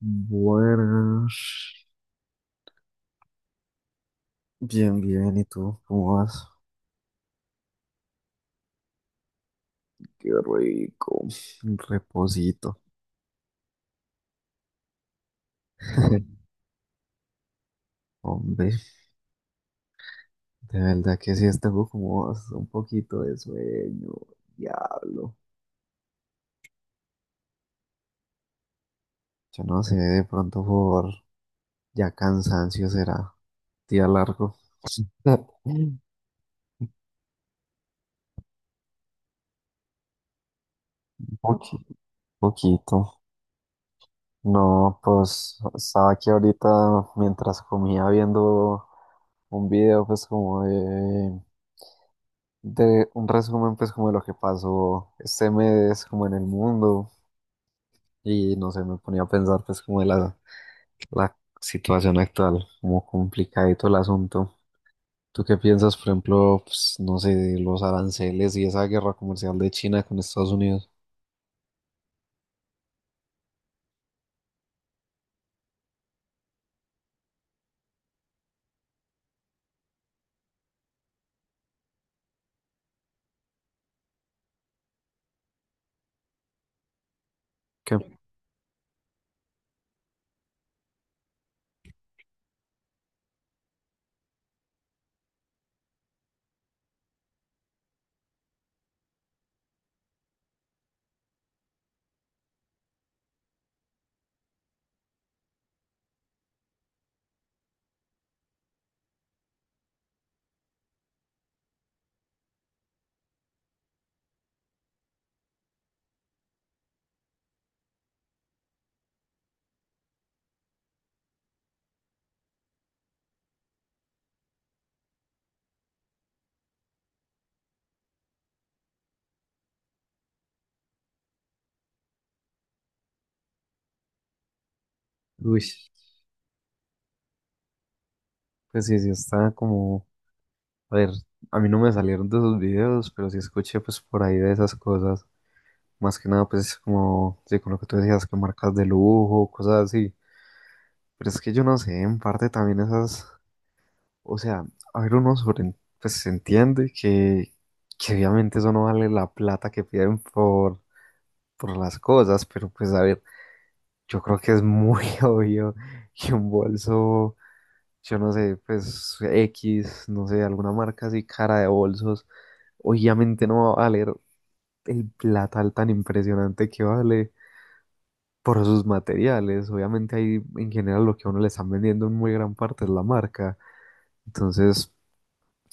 Buenas. Bien, bien. ¿Y tú? ¿Cómo vas? Qué rico. Un reposito. Hombre, de verdad que sí, tengo como un poquito de sueño. Diablo. Yo no sé, de pronto por ya cansancio será. Día largo. Un poqui- poquito. No, pues estaba aquí ahorita mientras comía viendo un video, pues como de un resumen, pues, como de lo que pasó este mes, como en el mundo, y no sé, me ponía a pensar, pues, como de la situación actual, como complicadito el asunto. ¿Tú qué piensas, por ejemplo, pues, no sé, de los aranceles y esa guerra comercial de China con Estados Unidos? Que uy, pues sí, sí, está como, a ver, a mí no me salieron de esos videos, pero sí escuché, pues, por ahí de esas cosas. Más que nada, pues, como, sí, con lo que tú decías, que marcas de lujo, cosas así. Pero es que yo no sé, en parte también esas, o sea, a ver, uno sobre, pues se entiende que obviamente eso no vale la plata que piden por las cosas, pero pues a ver, yo creo que es muy obvio que un bolso, yo no sé, pues X, no sé, alguna marca así cara de bolsos, obviamente no va a valer el platal tan impresionante que vale por sus materiales. Obviamente ahí en general lo que a uno le están vendiendo en muy gran parte es la marca. Entonces,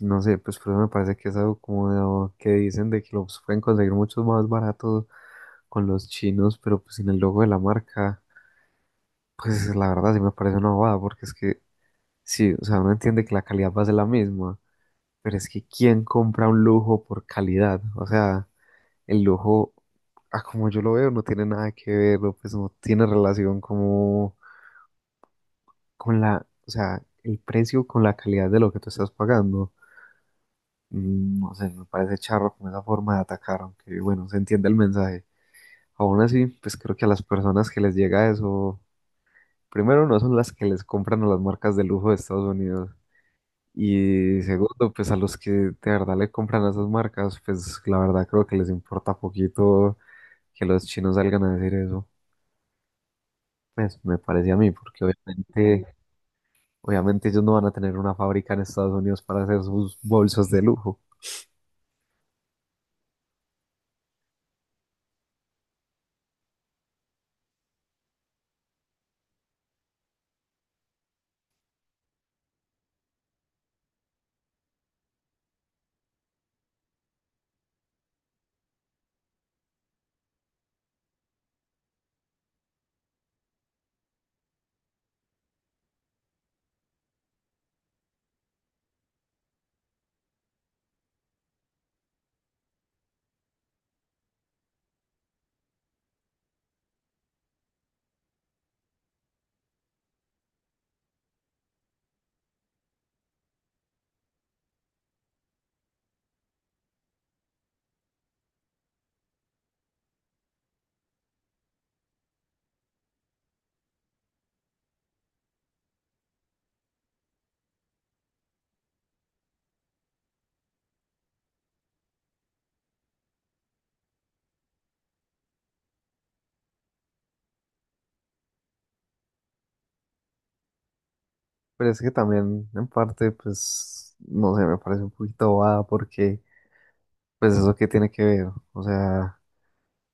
no sé, pues por eso me parece que es algo como o que dicen de que los pueden conseguir muchos más baratos con los chinos, pero pues sin el logo de la marca, pues la verdad sí me parece una bobada, porque es que sí, o sea, uno entiende que la calidad va a ser la misma, pero es que ¿quién compra un lujo por calidad? O sea, el lujo, a como yo lo veo, no tiene nada que ver, o, pues no tiene relación como con la, o sea, el precio con la calidad de lo que tú estás pagando. No sé, me parece charro como esa forma de atacar, aunque bueno, se entiende el mensaje. Aún así, pues creo que a las personas que les llega eso, primero no son las que les compran a las marcas de lujo de Estados Unidos. Y segundo, pues a los que de verdad le compran a esas marcas, pues la verdad creo que les importa poquito que los chinos salgan a decir eso. Pues me parece a mí, porque obviamente ellos no van a tener una fábrica en Estados Unidos para hacer sus bolsos de lujo. Pero es que también, en parte, pues, no sé, me parece un poquito bobada porque, pues, eso qué tiene que ver. O sea,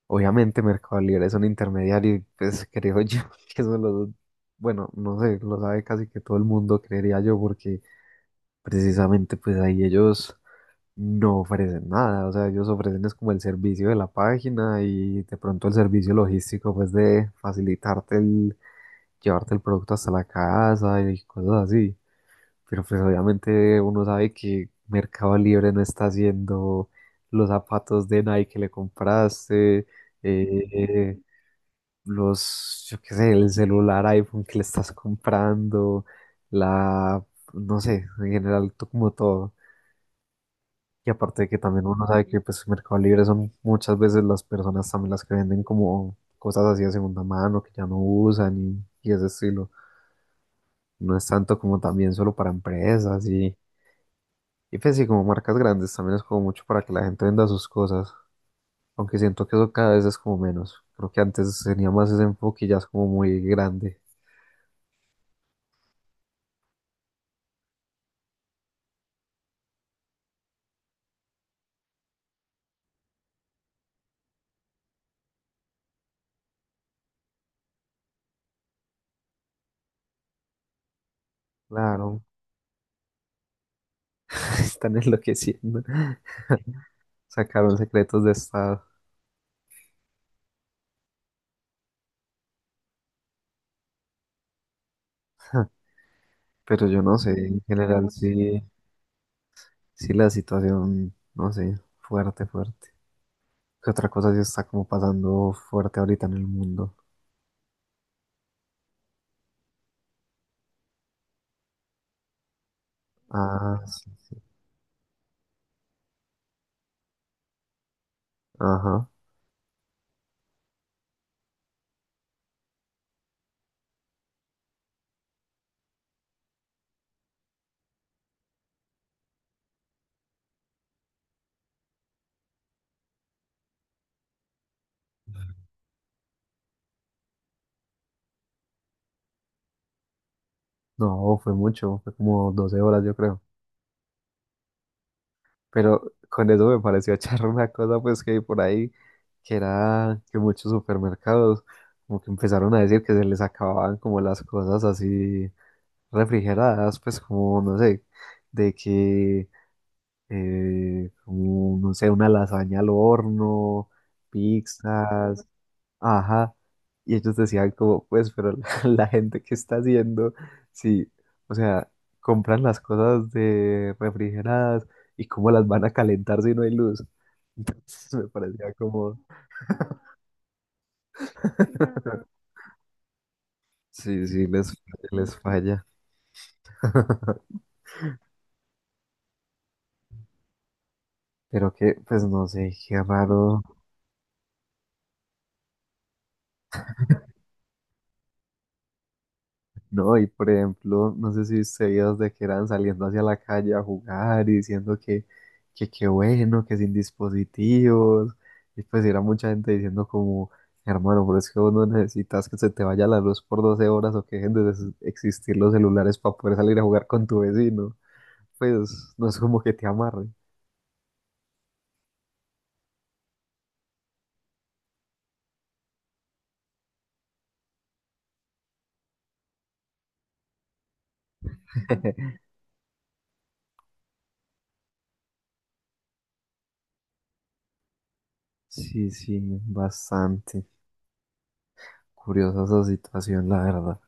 obviamente Mercado Libre es un intermediario y, pues, creo yo que eso lo, bueno, no sé, lo sabe casi que todo el mundo, creería yo, porque precisamente, pues, ahí ellos no ofrecen nada. O sea, ellos ofrecen es como el servicio de la página y de pronto el servicio logístico, pues, de facilitarte el llevarte el producto hasta la casa y cosas así. Pero pues obviamente uno sabe que Mercado Libre no está haciendo los zapatos de Nike que le compraste, eh, los, yo qué sé, el celular iPhone que le estás comprando, la, no sé, en general como todo. Y aparte de que también uno sabe que pues Mercado Libre son muchas veces las personas también las que venden como cosas así de segunda mano que ya no usan y ese estilo. No es tanto como también solo para empresas y pues sí, como marcas grandes también es como mucho para que la gente venda sus cosas, aunque siento que eso cada vez es como menos. Creo que antes tenía más ese enfoque y ya es como muy grande. Claro, están enloqueciendo. Sacaron secretos de estado. Pero yo no sé, en general sí, sí la situación, no sé, fuerte, fuerte. ¿Qué otra cosa sí está como pasando fuerte ahorita en el mundo? Ah, sí, sí. Ajá. No, fue mucho, fue como 12 horas yo creo. Pero con eso me pareció charro una cosa, pues que hay por ahí, que era que muchos supermercados como que empezaron a decir que se les acababan como las cosas así refrigeradas, pues como, no sé, de que, como, no sé, una lasaña al horno, pizzas. Ajá. Y ellos decían como, pues, pero la, la gente que está haciendo, sí, o sea, compran las cosas de refrigeradas y cómo las van a calentar si no hay luz. Entonces me parecía como, sí, sí, les falla. Pero que, pues no sé, qué raro. No, y por ejemplo, no sé si ustedes de que eran saliendo hacia la calle a jugar y diciendo que qué bueno, que sin dispositivos. Y pues era mucha gente diciendo como, hermano, pero es que vos no necesitas que se te vaya la luz por 12 horas o que dejen de existir los celulares para poder salir a jugar con tu vecino. Pues no es como que te amarre. Sí, sí, bastante curiosa esa situación, la verdad.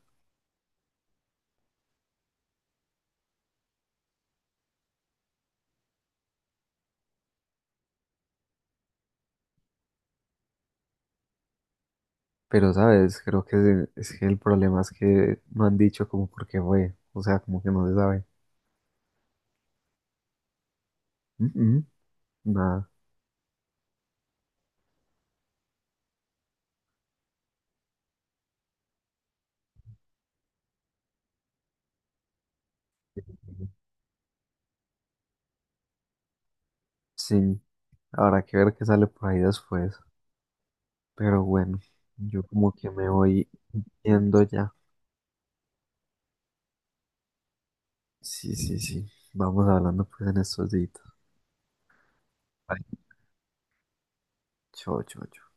Pero, ¿sabes? Creo que es que el problema es que no han dicho como por qué fue. O sea, como que no se sabe. Mm, mm, Nada. Sí, habrá que ver qué sale por ahí después. Pero bueno, yo como que me voy yendo ya. Sí, sí, sí. Vamos hablando pues en estos días. Vale. Chao, chao, chao.